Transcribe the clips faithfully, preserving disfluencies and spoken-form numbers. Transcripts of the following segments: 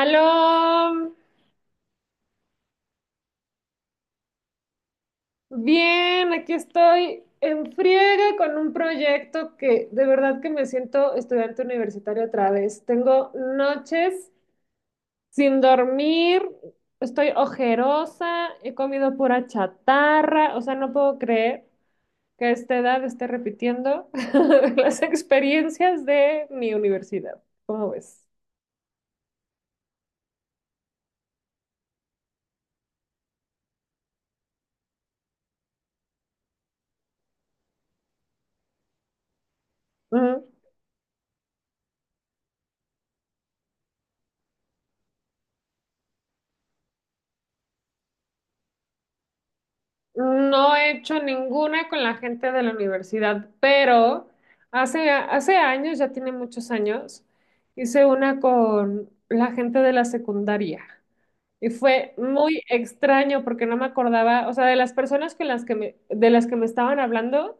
Aló, bien, aquí estoy en friega con un proyecto que de verdad que me siento estudiante universitario otra vez. Tengo noches sin dormir, estoy ojerosa, he comido pura chatarra, o sea, no puedo creer que a esta edad esté repitiendo las experiencias de mi universidad. ¿Cómo ves? No he hecho ninguna con la gente de la universidad, pero hace, hace años, ya tiene muchos años, hice una con la gente de la secundaria. Y fue muy extraño porque no me acordaba, o sea, de las personas con las que me, de las que me estaban hablando,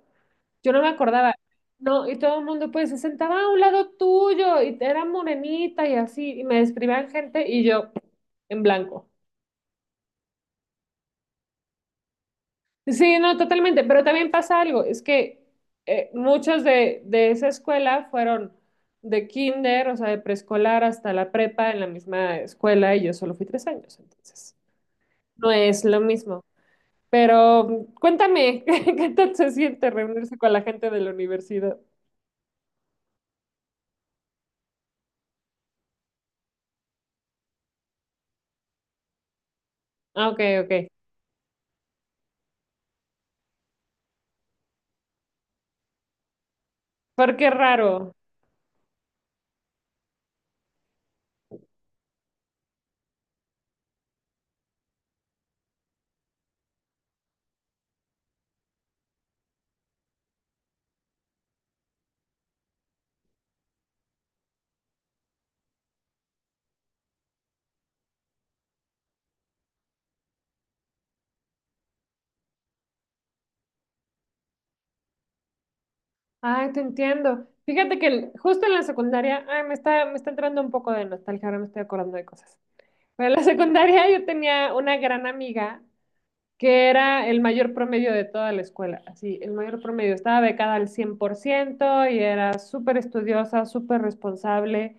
yo no me acordaba. No, y todo el mundo pues se sentaba a un lado tuyo y era morenita y así, y me describían gente y yo en blanco. Sí, no, totalmente, pero también pasa algo, es que eh, muchos de, de esa escuela fueron de kinder, o sea, de preescolar hasta la prepa en la misma escuela y yo solo fui tres años, entonces no es lo mismo. Pero mm, cuéntame, ¿qué tal se siente reunirse con la gente de la universidad? Ah, ok, ok, porque raro. Ay, te entiendo. Fíjate que el- justo en la secundaria, ay, me está, me está entrando un poco de nostalgia, ahora me estoy acordando de cosas. Pero en la secundaria yo tenía una gran amiga que era el mayor promedio de toda la escuela, así, el mayor promedio. Estaba becada al cien por ciento y era súper estudiosa, súper responsable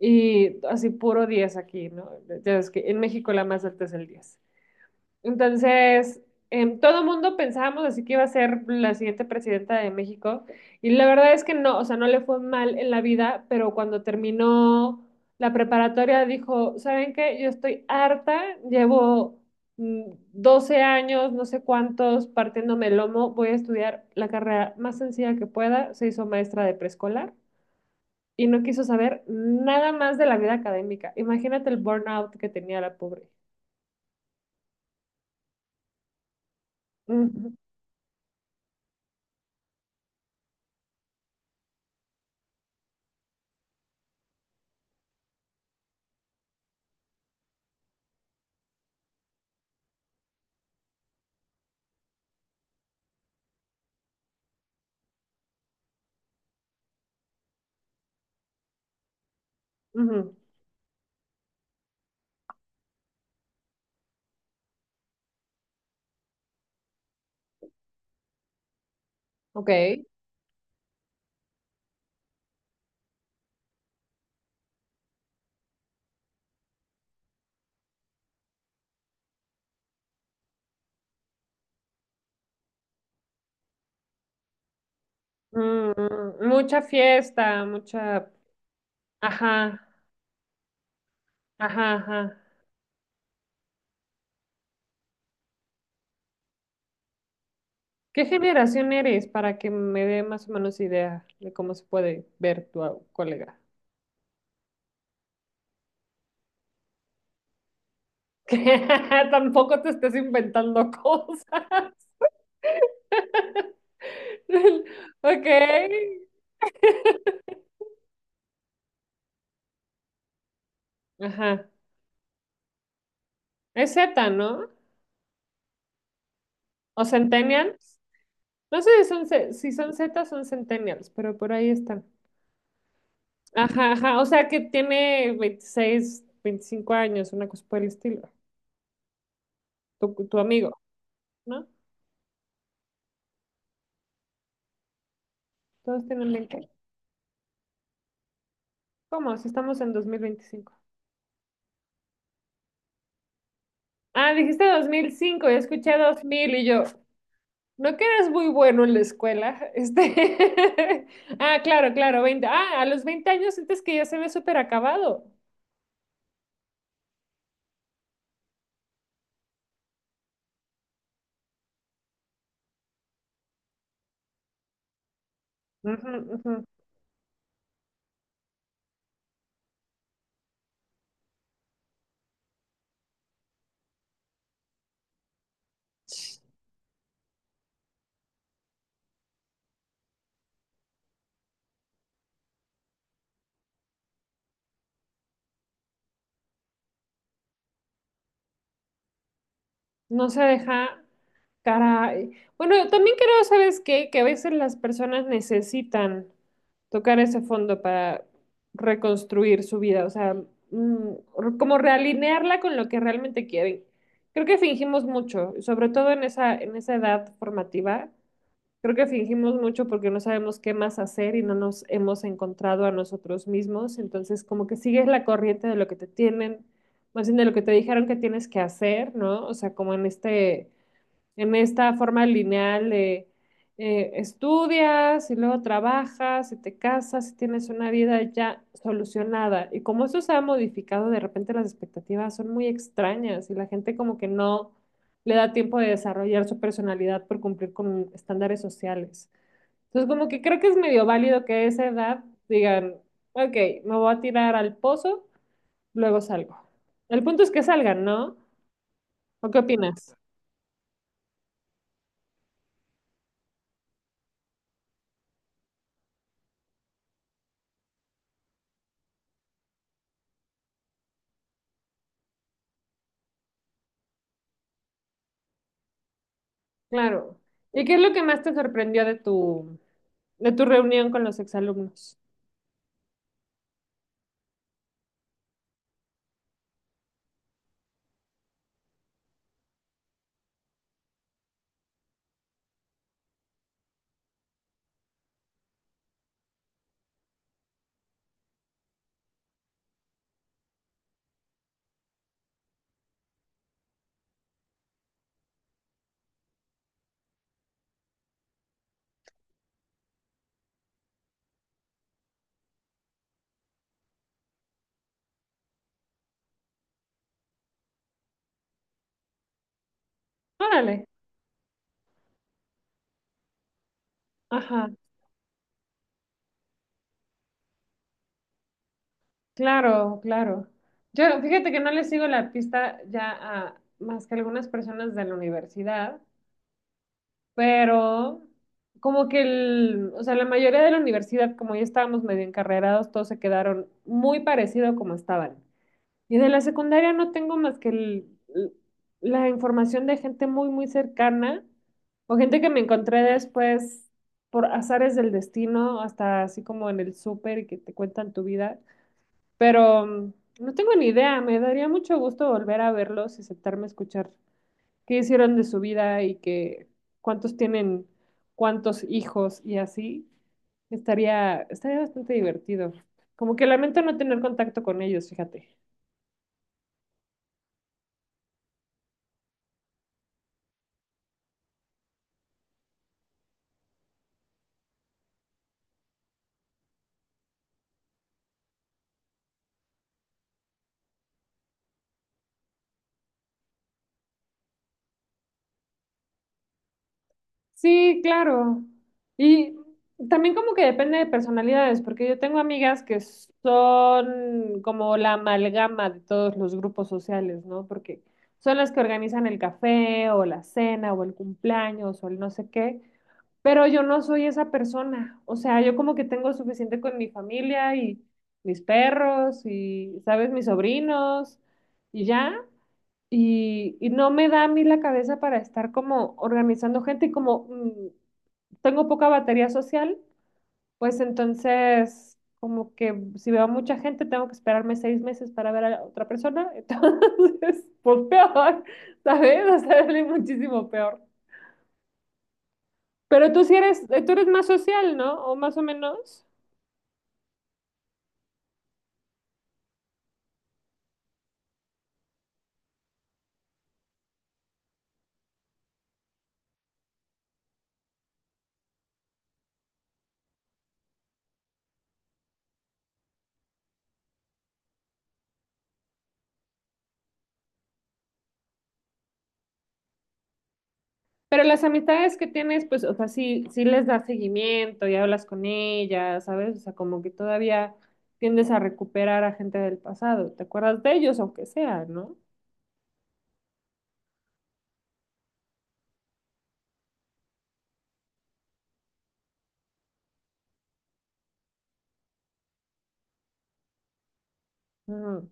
y así puro diez aquí, ¿no? Ya ves que en México la más alta es el diez. Entonces, em, todo mundo pensábamos así que iba a ser la siguiente presidenta de México y la verdad es que no, o sea, no le fue mal en la vida, pero cuando terminó la preparatoria dijo, ¿saben qué? Yo estoy harta, llevo mm, doce años, no sé cuántos, partiéndome el lomo, voy a estudiar la carrera más sencilla que pueda, se hizo maestra de preescolar. Y no quiso saber nada más de la vida académica. Imagínate el burnout que tenía la pobre. Ujú, ujú. Ok. Mm, mucha fiesta, mucha... Ajá, ajá, ajá. ¿Qué generación eres para que me dé más o menos idea de cómo se puede ver tu au- colega? Que tampoco te estés inventando cosas. Ok. Ajá. Es Z, ¿no? ¿O Centennials? No sé si son, ce- si son Z, son Centennials, pero por ahí están. Ajá, ajá. O sea que tiene veintiséis veinticinco años, una cosa por el estilo. Tu, tu amigo. ¿No? Todos tienen veinte. ¿Cómo? Si estamos en dos mil veinticinco. Ah, dijiste dos mil cinco, ya escuché dos mil y yo, ¿no que eres muy bueno en la escuela? Este... Ah, claro, claro, veinte. Ah, a los veinte años sientes que ya se ve súper acabado. No se deja, caray. Bueno, yo también creo, ¿sabes qué? Que a veces las personas necesitan tocar ese fondo para reconstruir su vida, o sea, mm, re- como realinearla con lo que realmente quieren. Creo que fingimos mucho, sobre todo en esa, en esa edad formativa. Creo que fingimos mucho porque no sabemos qué más hacer y no nos hemos encontrado a nosotros mismos. Entonces, como que sigues la corriente de lo que te tienen, más bien de lo que te dijeron que tienes que hacer, ¿no? O sea, como en este en esta forma lineal de eh, estudias y luego trabajas y te casas y tienes una vida ya solucionada. Y como eso se ha modificado, de repente las expectativas son muy extrañas y la gente como que no le da tiempo de desarrollar su personalidad por cumplir con estándares sociales. Entonces, como que creo que es medio válido que a esa edad digan, ok, me voy a tirar al pozo, luego salgo. El punto es que salgan, ¿no? ¿O qué opinas? Claro. ¿Y qué es lo que más te sorprendió de tu, de tu reunión con los exalumnos? Órale. Ajá. Claro, claro. Yo, fíjate que no le sigo la pista ya a más que algunas personas de la universidad, pero como que el, o sea, la mayoría de la universidad, como ya estábamos medio encarrerados, todos se quedaron muy parecido como estaban. Y de la secundaria no tengo más que el- l- la información de gente muy, muy cercana o gente que me encontré después por azares del destino, hasta así como en el súper y que te cuentan tu vida. Pero mm, no tengo ni idea, me daría mucho gusto volver a verlos y sentarme a escuchar qué hicieron de su vida y que cuántos tienen, cuántos hijos y así. Estaría, estaría bastante divertido. Como que lamento no tener contacto con ellos, fíjate. Sí, claro. Y también como que depende de personalidades, porque yo tengo amigas que son como la amalgama de todos los grupos sociales, ¿no? Porque son las que organizan el café o la cena o el cumpleaños o el no sé qué, pero yo no soy esa persona. O sea, yo como que tengo suficiente con mi familia y mis perros y, ¿sabes? Mis sobrinos y ya. Y, y no me da a mí la cabeza para estar como organizando gente y como mm, tengo poca batería social, pues entonces como que si veo a mucha gente tengo que esperarme seis meses para ver a la otra persona, entonces pues peor, ¿sabes? O sea, es muchísimo peor. Pero tú sí eres, tú eres más social, ¿no? O más o menos. Pero las amistades que tienes, pues, o sea, sí, sí les das seguimiento y hablas con ellas, ¿sabes? O sea, como que todavía tiendes a recuperar a gente del pasado. ¿Te acuerdas de ellos, aunque sea, no? Ujú.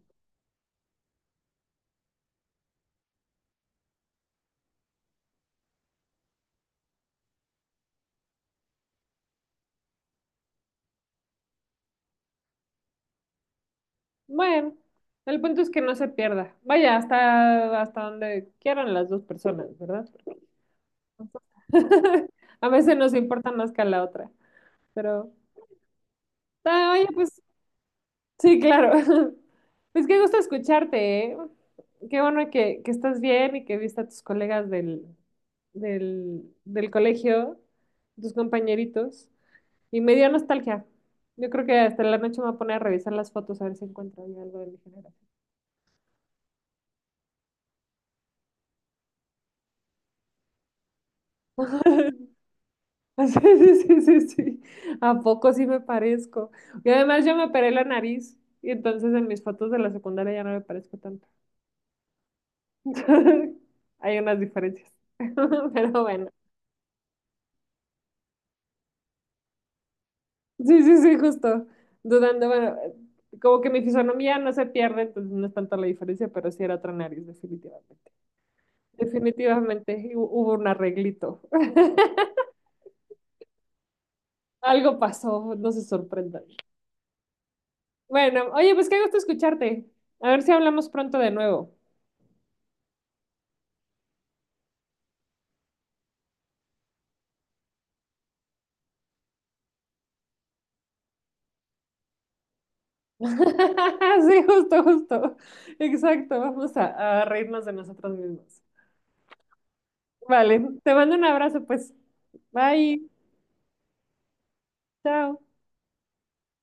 Bueno, el punto es que no se pierda. Vaya, hasta, hasta donde quieran las dos personas, ¿verdad? A veces nos importa más que a la otra. Pero, ah, oye, pues sí, claro. Pues qué gusto escucharte, ¿eh? Qué bueno que, que estás bien y que viste a tus colegas del, del, del colegio, tus compañeritos. Y me dio nostalgia. Yo creo que hasta la noche me voy a poner a revisar las fotos a ver si encuentro ahí algo de mi generación. Sí, sí, sí, sí, sí. ¿A poco sí me parezco? Y además yo me operé la nariz y entonces en mis fotos de la secundaria ya no me parezco tanto. Hay unas diferencias. Pero bueno. Sí, sí, sí, justo. Dudando, bueno, eh, como que mi fisonomía no se pierde, entonces no es tanta la diferencia, pero sí era otra nariz, definitivamente. Definitivamente hu- hubo un arreglito. Algo pasó, no se sorprendan. Bueno, oye, pues qué gusto escucharte. A ver si hablamos pronto de nuevo. Sí, justo, justo. Exacto, vamos a, a reírnos de nosotros mismos. Vale, te mando un abrazo, pues. Bye, chao.